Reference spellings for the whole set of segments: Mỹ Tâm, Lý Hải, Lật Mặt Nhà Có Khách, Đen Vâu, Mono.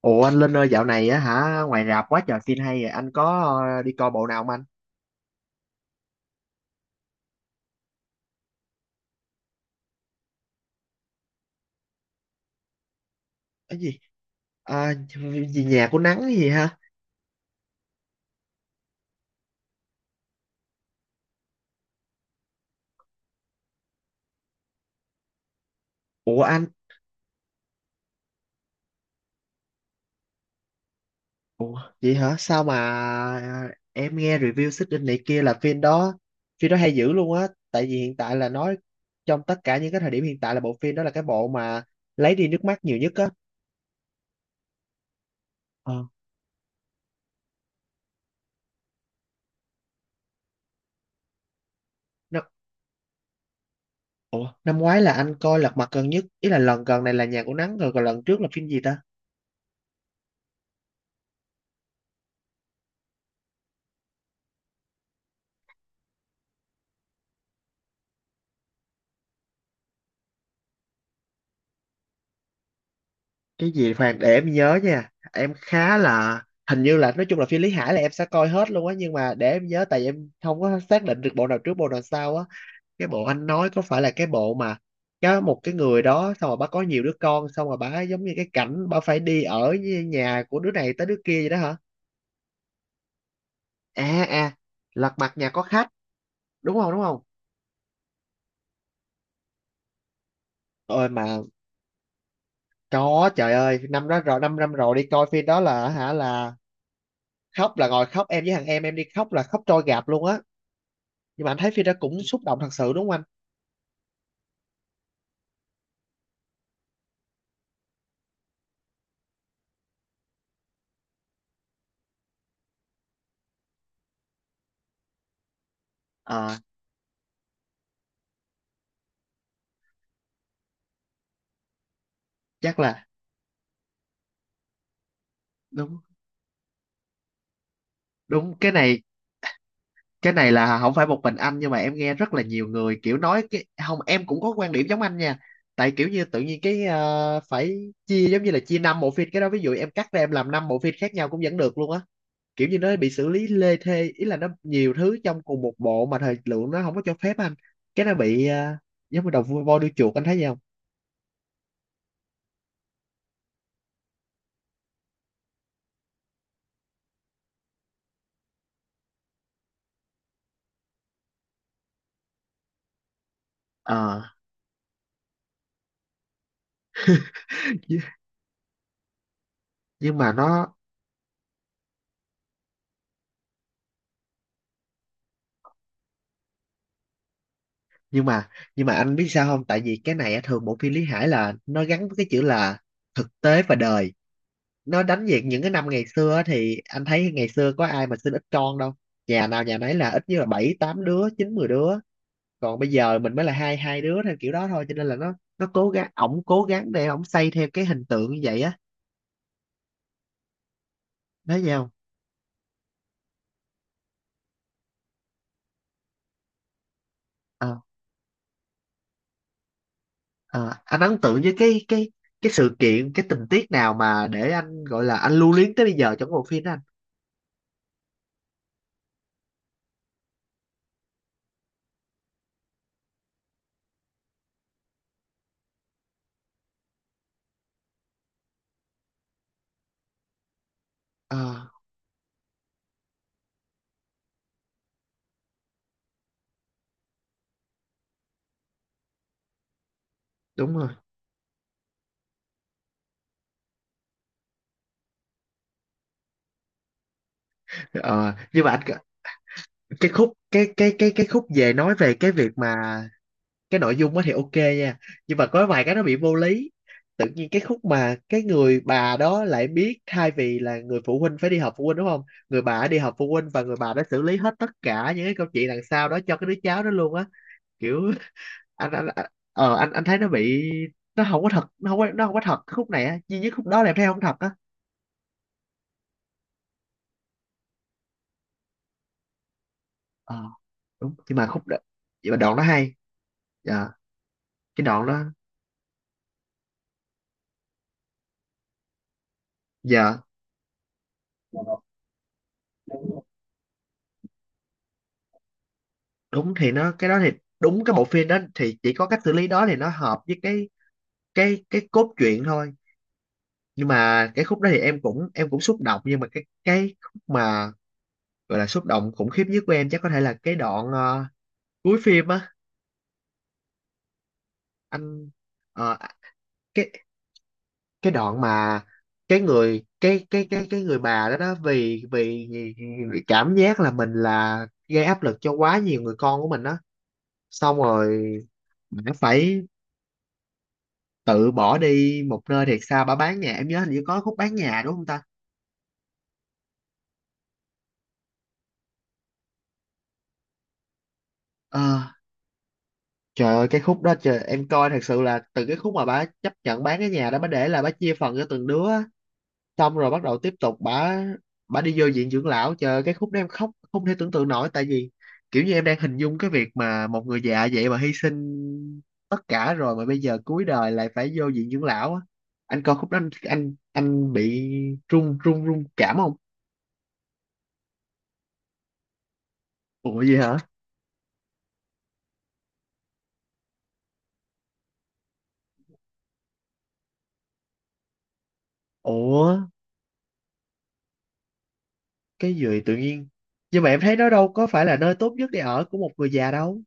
Ủa anh Linh ơi, dạo này á hả, ngoài rạp quá trời phim hay, rồi anh có đi coi bộ nào không anh? Cái gì? À, gì nhà của nắng gì hả? Ủa anh? Ủa vậy hả? Sao mà em nghe review xích đinh này kia là phim đó hay dữ luôn á, tại vì hiện tại là nói trong tất cả những cái thời điểm hiện tại là bộ phim đó là cái bộ mà lấy đi nước mắt nhiều nhất á. Ờ. Nó, ủa năm ngoái là anh coi Lật Mặt gần nhất, ý là lần gần này là nhà của nắng rồi, còn lần trước là phim gì ta? Cái gì Hoàng, để em nhớ nha, em khá là, hình như là, nói chung là phim Lý Hải là em sẽ coi hết luôn á, nhưng mà để em nhớ, tại em không có xác định được bộ nào trước bộ nào sau á. Cái bộ anh nói có phải là cái bộ mà có một cái người đó, xong rồi bà có nhiều đứa con, xong rồi bà giống như cái cảnh bà phải đi ở với nhà của đứa này tới đứa kia vậy đó hả? À à, Lật Mặt Nhà Có Khách đúng không, đúng không? Ôi mà có trời ơi, năm đó rồi, năm năm rồi, đi coi phim đó là hả là khóc, là ngồi khóc, em với thằng em đi khóc là khóc trôi gạp luôn á. Nhưng mà anh thấy phim đó cũng xúc động thật sự đúng không anh? Ờ, chắc là đúng, đúng. Cái này là không phải một mình anh, nhưng mà em nghe rất là nhiều người kiểu nói, cái không, em cũng có quan điểm giống anh nha. Tại kiểu như tự nhiên cái phải chia, giống như là chia năm bộ phim. Cái đó ví dụ em cắt ra em làm năm bộ phim khác nhau cũng vẫn được luôn á. Kiểu như nó bị xử lý lê thê, ý là nó nhiều thứ trong cùng một bộ mà thời lượng nó không có cho phép anh. Cái nó bị giống như đầu voi đuôi chuột, anh thấy gì không? Ờ, nhưng mà nó, nhưng mà nhưng mà anh biết sao không, tại vì cái này á, thường bộ phim Lý Hải là nó gắn với cái chữ là thực tế và đời. Nó đánh về những cái năm ngày xưa á, thì anh thấy ngày xưa có ai mà sinh ít con đâu, nhà nào nhà nấy là ít nhất là bảy tám đứa, chín mười đứa. Còn bây giờ mình mới là hai hai đứa theo kiểu đó thôi, cho nên là nó cố gắng, ổng cố gắng để ổng xây theo cái hình tượng như vậy á. Nói gì không? Ờ, ờ, anh ấn tượng với cái cái sự kiện, cái tình tiết nào mà để anh gọi là anh lưu luyến tới bây giờ trong cái bộ phim đó anh? Ờ, đúng rồi. Ờ, nhưng mà anh, cái khúc cái khúc về, nói về cái việc mà, cái nội dung á thì ok nha, nhưng mà có vài cái nó bị vô lý. Tự nhiên cái khúc mà cái người bà đó lại biết, thay vì là người phụ huynh phải đi họp phụ huynh đúng không, người bà đã đi họp phụ huynh và người bà đã xử lý hết tất cả những cái câu chuyện đằng sau đó cho cái đứa cháu đó luôn á. Kiểu anh anh anh- anh thấy nó bị, nó không có thật, nó không có, nó không có thật. Cái khúc này á, duy nhất khúc đó là em thấy không thật á. Ờ, đúng, nhưng mà khúc đó, nhưng mà đoạn đó hay. Dạ, cái đoạn đó. Dạ, đúng, thì nó cái đó thì, đúng, cái bộ phim đó thì chỉ có cách xử lý đó thì nó hợp với cái cốt truyện thôi. Nhưng mà cái khúc đó thì em cũng, em cũng xúc động, nhưng mà cái khúc mà gọi là xúc động khủng khiếp nhất của em chắc có thể là cái đoạn cuối phim á. Anh, ờ, cái cái đoạn mà cái người bà đó đó, vì vì vì cảm giác là mình là gây áp lực cho quá nhiều người con của mình đó, xong rồi bà phải tự bỏ đi một nơi thiệt xa, bà bán nhà, em nhớ hình như có khúc bán nhà đúng không ta? Ờ, trời ơi, cái khúc đó trời, em coi thật sự là từ cái khúc mà bà chấp nhận bán cái nhà đó, bà để là bà chia phần cho từng đứa á. Xong rồi bắt đầu tiếp tục bà đi vô viện dưỡng lão, trời ơi, cái khúc đó em khóc không thể tưởng tượng nổi, tại vì kiểu như em đang hình dung cái việc mà một người già vậy mà hy sinh tất cả rồi mà bây giờ cuối đời lại phải vô viện dưỡng lão á. Anh coi khúc đó anh anh bị run run run cảm không? Ủa gì hả? Ủa cái gì tự nhiên, nhưng mà em thấy nó đâu có phải là nơi tốt nhất để ở của một người già đâu.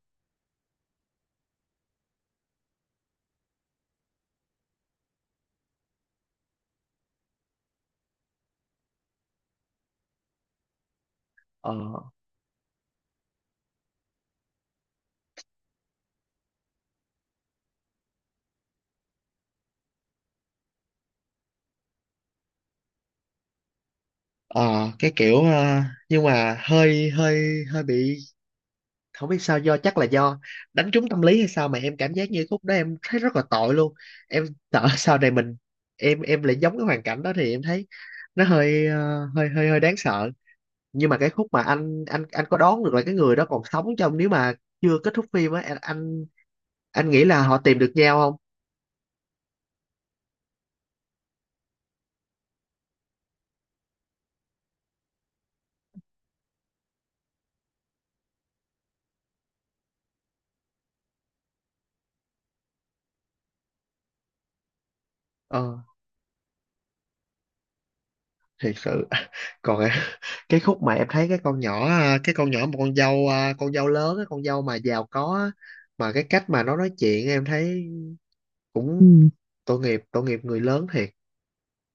Ờ, ờ, cái kiểu nhưng mà hơi hơi hơi bị, không biết sao, do chắc là do đánh trúng tâm lý hay sao mà em cảm giác như khúc đó em thấy rất là tội luôn. Em sợ sau này mình, em lại giống cái hoàn cảnh đó thì em thấy nó hơi hơi đáng sợ. Nhưng mà cái khúc mà anh, anh có đoán được là cái người đó còn sống trong, nếu mà chưa kết thúc phim á anh nghĩ là họ tìm được nhau không? Ờ, thiệt sự. Còn cái khúc mà em thấy cái con nhỏ à, cái con nhỏ, một con dâu à, con dâu lớn á, con dâu mà giàu có á, mà cái cách mà nó nói chuyện em thấy cũng, ừ, tội nghiệp, tội nghiệp người lớn thiệt.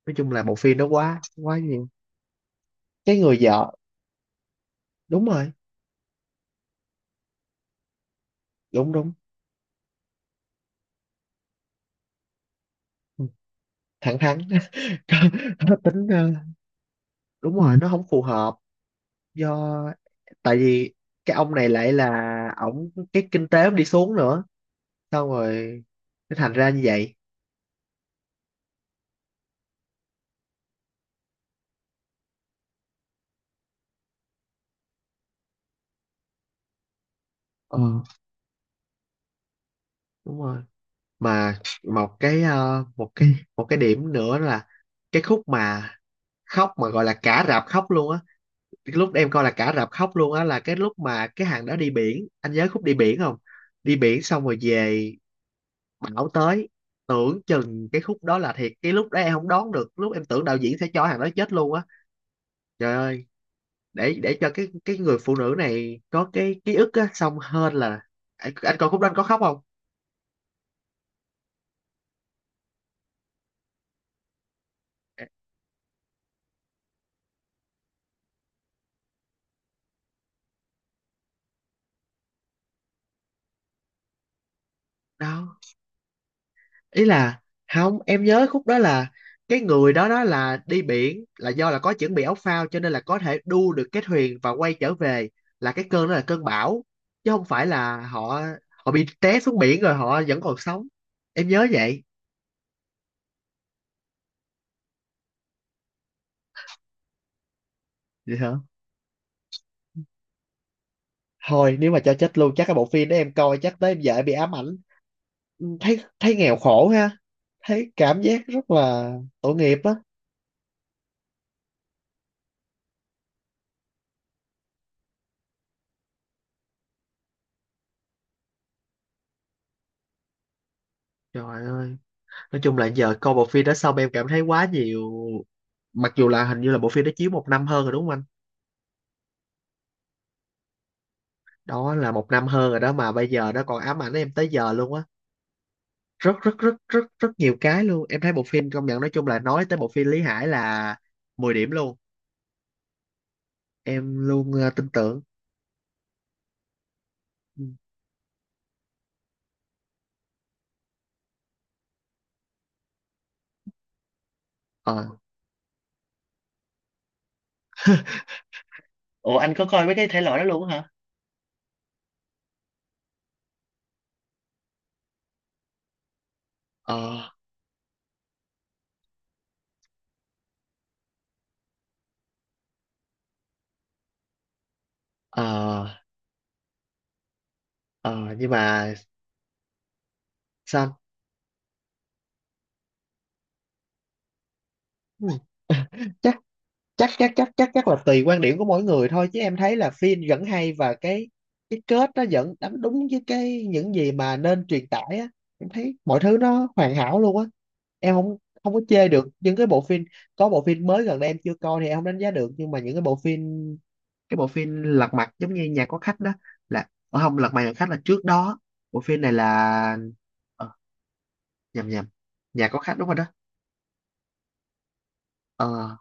Nói chung là bộ phim đó quá, quá nhiều. Cái người vợ. Đúng rồi. Đúng, đúng. Ừ, thẳng thắn. Nó tính đúng, ừ, rồi nó không phù hợp, do, tại vì cái ông này lại là ổng, cái kinh tế ổng đi xuống nữa, xong rồi nó thành ra như vậy. Ờ, đúng rồi. Mà một cái một cái, một cái điểm nữa là cái khúc mà khóc mà gọi là cả rạp khóc luôn á. Cái lúc em coi là cả rạp khóc luôn á là cái lúc mà cái hàng đó đi biển, anh nhớ khúc đi biển không? Đi biển xong rồi về, bão tới, tưởng chừng cái khúc đó là thiệt, cái lúc đó em không đoán được, lúc em tưởng đạo diễn sẽ cho hàng đó chết luôn á. Trời ơi, để cho cái người phụ nữ này có cái ký ức á xong hơn là, anh coi khúc đó anh có khóc không? Đó, ý là, không, em nhớ khúc đó là cái người đó đó là đi biển là do là có chuẩn bị áo phao cho nên là có thể đu được cái thuyền và quay trở về, là cái cơn đó là cơn bão, chứ không phải là họ, họ bị té xuống biển rồi họ vẫn còn sống. Em nhớ vậy. Vậy hả? Thôi nếu mà cho chết luôn chắc cái bộ phim đó em coi chắc tới em vợ bị ám ảnh, thấy thấy nghèo khổ ha, thấy cảm giác rất là tội nghiệp á. Trời ơi, nói chung là giờ coi bộ phim đó xong em cảm thấy quá nhiều, mặc dù là hình như là bộ phim đó chiếu một năm hơn rồi đúng không anh? Đó là một năm hơn rồi đó, mà bây giờ nó còn ám ảnh em tới giờ luôn á, rất rất rất rất rất nhiều cái luôn, em thấy bộ phim công nhận, nói chung là nói tới bộ phim Lý Hải là mười điểm luôn. Em luôn tin tưởng. Ừ. Ờ, ủa anh có coi mấy cái thể loại đó luôn á hả? Ờ, ờ, ờ, nhưng mà sao anh? Ừ. chắc chắc chắc chắc chắc chắc là tùy quan điểm của mỗi người thôi, chứ em thấy là phim vẫn hay và cái kết nó vẫn đánh đúng với cái những gì mà nên truyền tải á. Em thấy mọi thứ nó hoàn hảo luôn á, em không, không có chê được những cái bộ phim. Có bộ phim mới gần đây em chưa coi thì em không đánh giá được, nhưng mà những cái bộ phim, cái bộ phim Lật Mặt giống như nhà có khách đó là không, Lật Mặt nhà có khách là trước đó, bộ phim này là ờ, nhầm nhầm, nhà có khách đúng rồi đó. Ờ,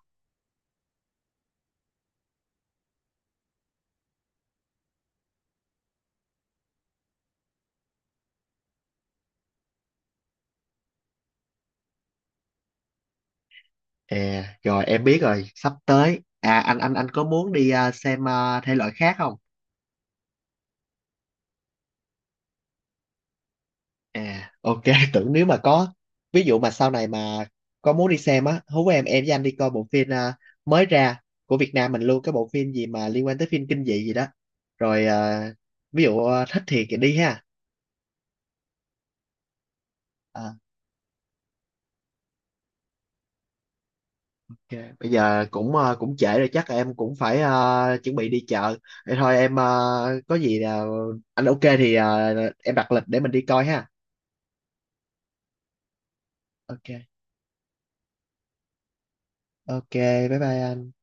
à, rồi em biết rồi, sắp tới. À, anh có muốn đi à, xem à, thể loại khác không? À, ok, tưởng, nếu mà có ví dụ mà sau này mà có muốn đi xem á, hú em với anh đi coi bộ phim à, mới ra, của Việt Nam mình luôn, cái bộ phim gì mà liên quan tới phim kinh dị gì đó. Rồi à, ví dụ à, thích thì đi ha. À, ok. Bây giờ cũng à, cũng trễ rồi, chắc là em cũng phải à, chuẩn bị đi chợ. Vậy thôi em à, có gì là anh ok thì à, em đặt lịch để mình đi coi ha. Ok. Ok, bye bye anh.